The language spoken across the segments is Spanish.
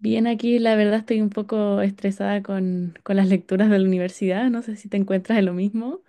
Bien, aquí la verdad estoy un poco estresada con las lecturas de la universidad, no sé si te encuentras de lo mismo.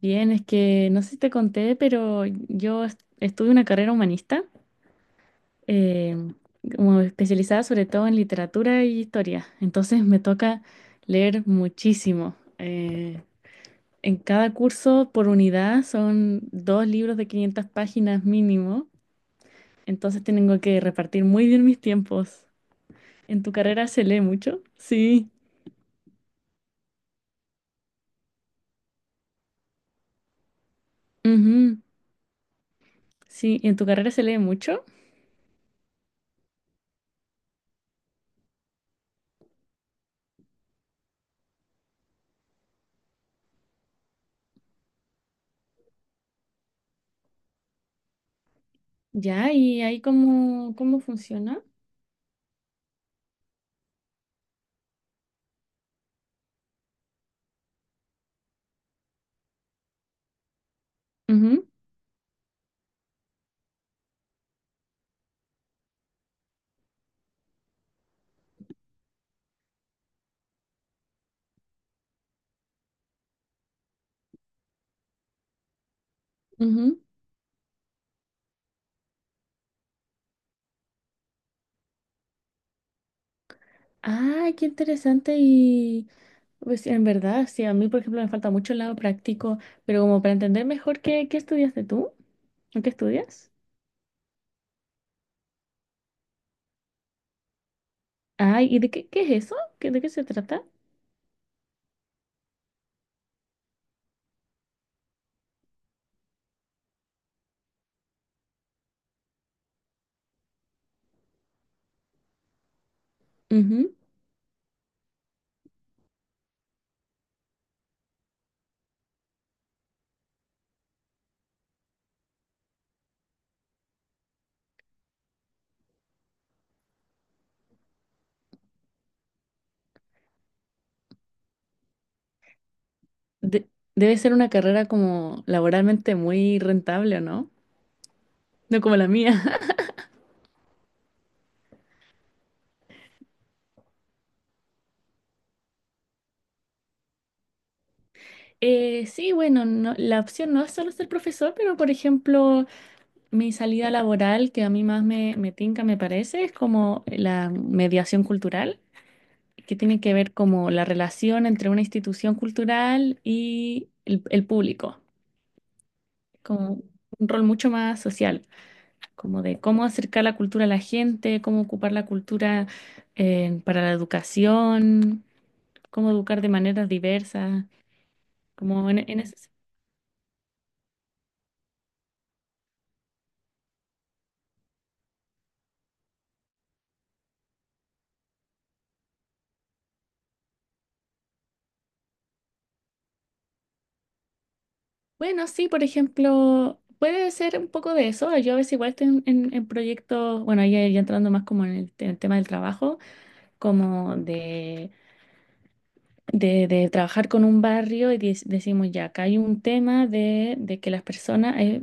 Bien, es que no sé si te conté, pero yo estudié una carrera humanista, eh, como especializada sobre todo en literatura y historia, entonces me toca leer muchísimo. En cada curso por unidad son dos libros de 500 páginas mínimo, entonces tengo que repartir muy bien mis tiempos. ¿En tu carrera se lee mucho? Sí. Ujú. Sí, ¿en tu carrera se lee mucho? Ya, ¿y ahí cómo funciona? Ujú, ujú. Ah, qué interesante y pues en verdad, sí, a mí por ejemplo me falta mucho el lado práctico, pero como para entender mejor qué estudiaste tú, ¿o qué estudias? Ay, ¿y de qué es eso? ¿De qué se trata? Ujú. De- Debe ser una carrera como laboralmente muy rentable, ¿o no? No como la mía. Sí, bueno, la opción no es solo ser profesor, pero por ejemplo... Mi salida laboral que a mí más me tinca, me parece, es como la mediación cultural, que tiene que ver como la relación entre una institución cultural y el público, como un rol mucho más social, como de cómo acercar la cultura a la gente, cómo ocupar la cultura para la educación, cómo educar de maneras diversas, como en ese... Bueno, sí, por ejemplo, puede ser un poco de eso. Yo a veces igual estoy en proyectos, bueno, ahí ya entrando más como en el tema del trabajo, como de trabajar con un barrio y decimos ya, acá hay un tema de que las personas, eh,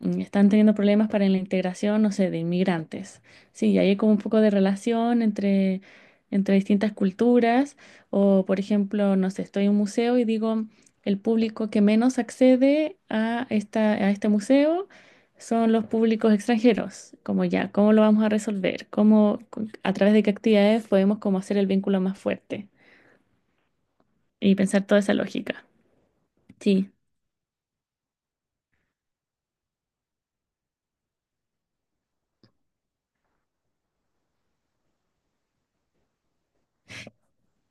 mm, están teniendo problemas para la integración, no sé, de inmigrantes. Sí, y ahí hay como un poco de relación entre distintas culturas. O, por ejemplo, no sé, estoy en un museo y digo, el público que menos accede a este museo son los públicos extranjeros. Como ya, ¿cómo lo vamos a resolver? A través de qué actividades podemos como hacer el vínculo más fuerte? Y pensar toda esa lógica. Sí.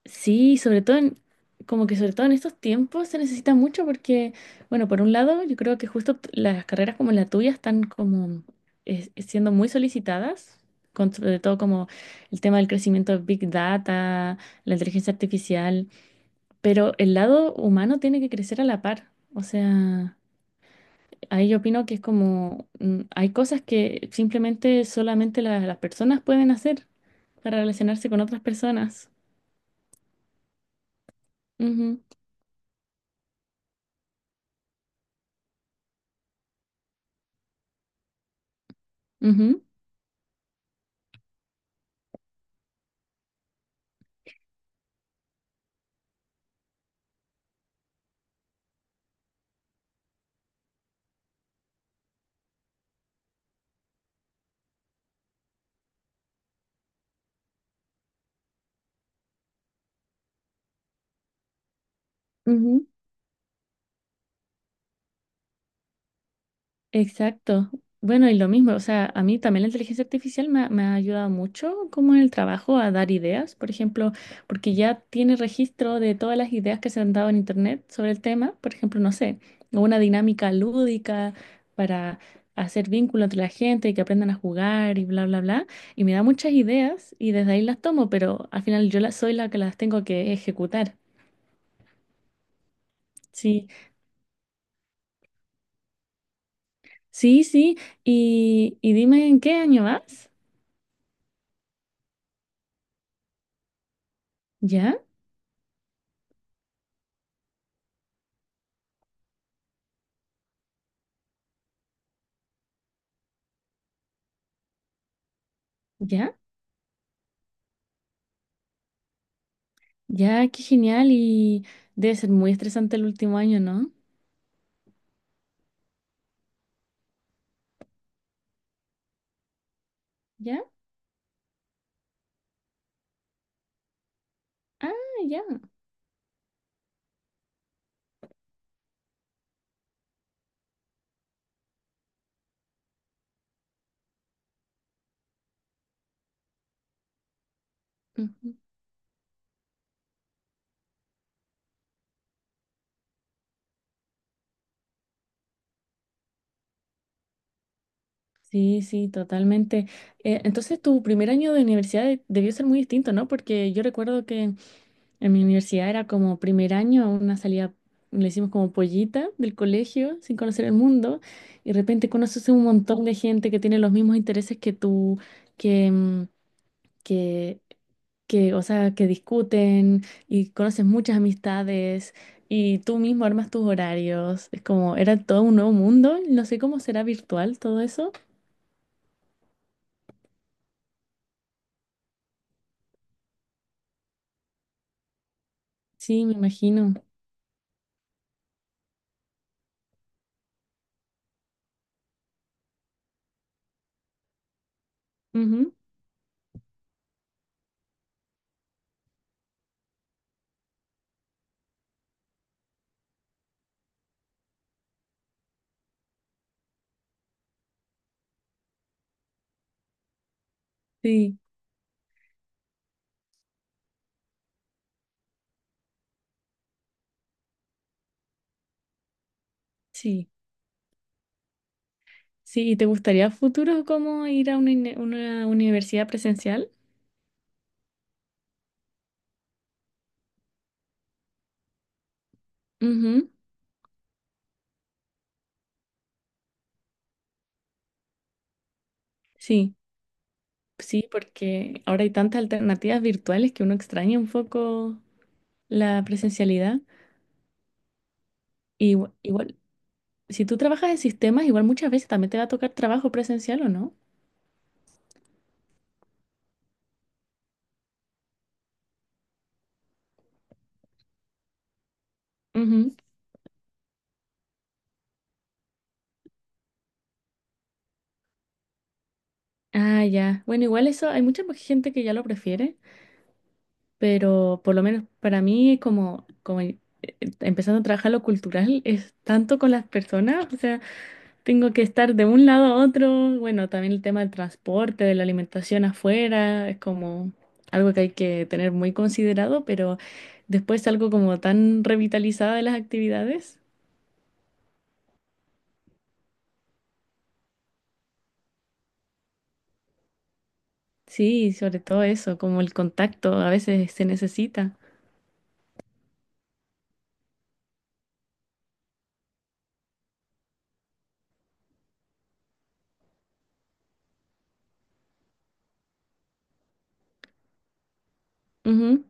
Sí, como que sobre todo en estos tiempos se necesita mucho porque, bueno, por un lado, yo creo que justo las carreras como la tuya están como siendo muy solicitadas, con sobre todo como el tema del crecimiento de Big Data, la inteligencia artificial, pero el lado humano tiene que crecer a la par. O sea, ahí yo opino que es como, hay cosas que simplemente solamente las personas pueden hacer para relacionarse con otras personas. Ujú, ujú, ujú. Exacto. Bueno, y lo mismo, o sea, a mí también la inteligencia artificial me ha ayudado mucho como en el trabajo a dar ideas, por ejemplo, porque ya tiene registro de todas las ideas que se han dado en internet sobre el tema, por ejemplo, no sé, una dinámica lúdica para hacer vínculo entre la gente y que aprendan a jugar y bla, bla, bla, y me da muchas ideas y desde ahí las tomo, pero al final yo soy la que las tengo que ejecutar. Sí, sí, sí, y dime en qué año vas, ¿ya? ¿Ya? Ya, qué genial. Y debe ser muy estresante el último año, ¿no? ¿Ya? Ah, ya. Ujú. Sí, sí, totalmente. Entonces, tu primer año de universidad debió ser muy distinto, ¿no? Porque yo recuerdo que en mi universidad era como primer año, una salida, le hicimos como pollita del colegio, sin conocer el mundo, y de repente conoces un montón de gente que tiene los mismos intereses que tú, que, mm, que que, o sea, que discuten y conoces muchas amistades y tú mismo armas tus horarios. Es como, era todo un nuevo mundo. No sé cómo será virtual todo eso. Sí, me imagino. Ujú, sí, sí, sí. ¿Y te gustaría a futuro como ir a una universidad presencial? Ujú, sí, sí, porque ahora hay tantas alternativas virtuales que uno extraña un poco la presencialidad. Y, igual, si tú trabajas en sistemas, igual muchas veces también te va a tocar trabajo presencial, ¿o no? Ujú. Ah, ya. Bueno, igual eso, hay mucha más gente que ya lo prefiere, pero por lo menos para mí, como, como empezando a trabajar lo cultural, es tanto con las personas, o sea, tengo que estar de un lado a otro, bueno, también el tema del transporte, de la alimentación afuera, es como algo que hay que tener muy considerado, pero después algo como tan revitalizada de las actividades, sí, sobre todo eso, como el contacto a veces se necesita. Ujú.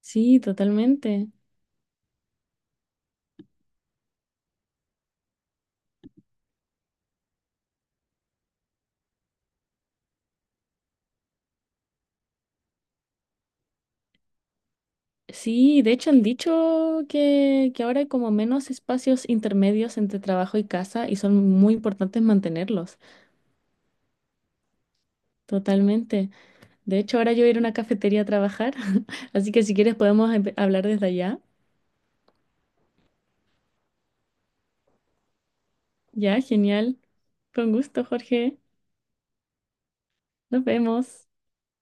Sí, totalmente. Sí, de hecho han dicho que ahora hay como menos espacios intermedios entre trabajo y casa y son muy importantes mantenerlos, totalmente. De hecho, ahora yo voy a ir a una cafetería a trabajar, así que si quieres podemos hablar desde allá. Ya, genial. Con gusto, Jorge. Nos vemos.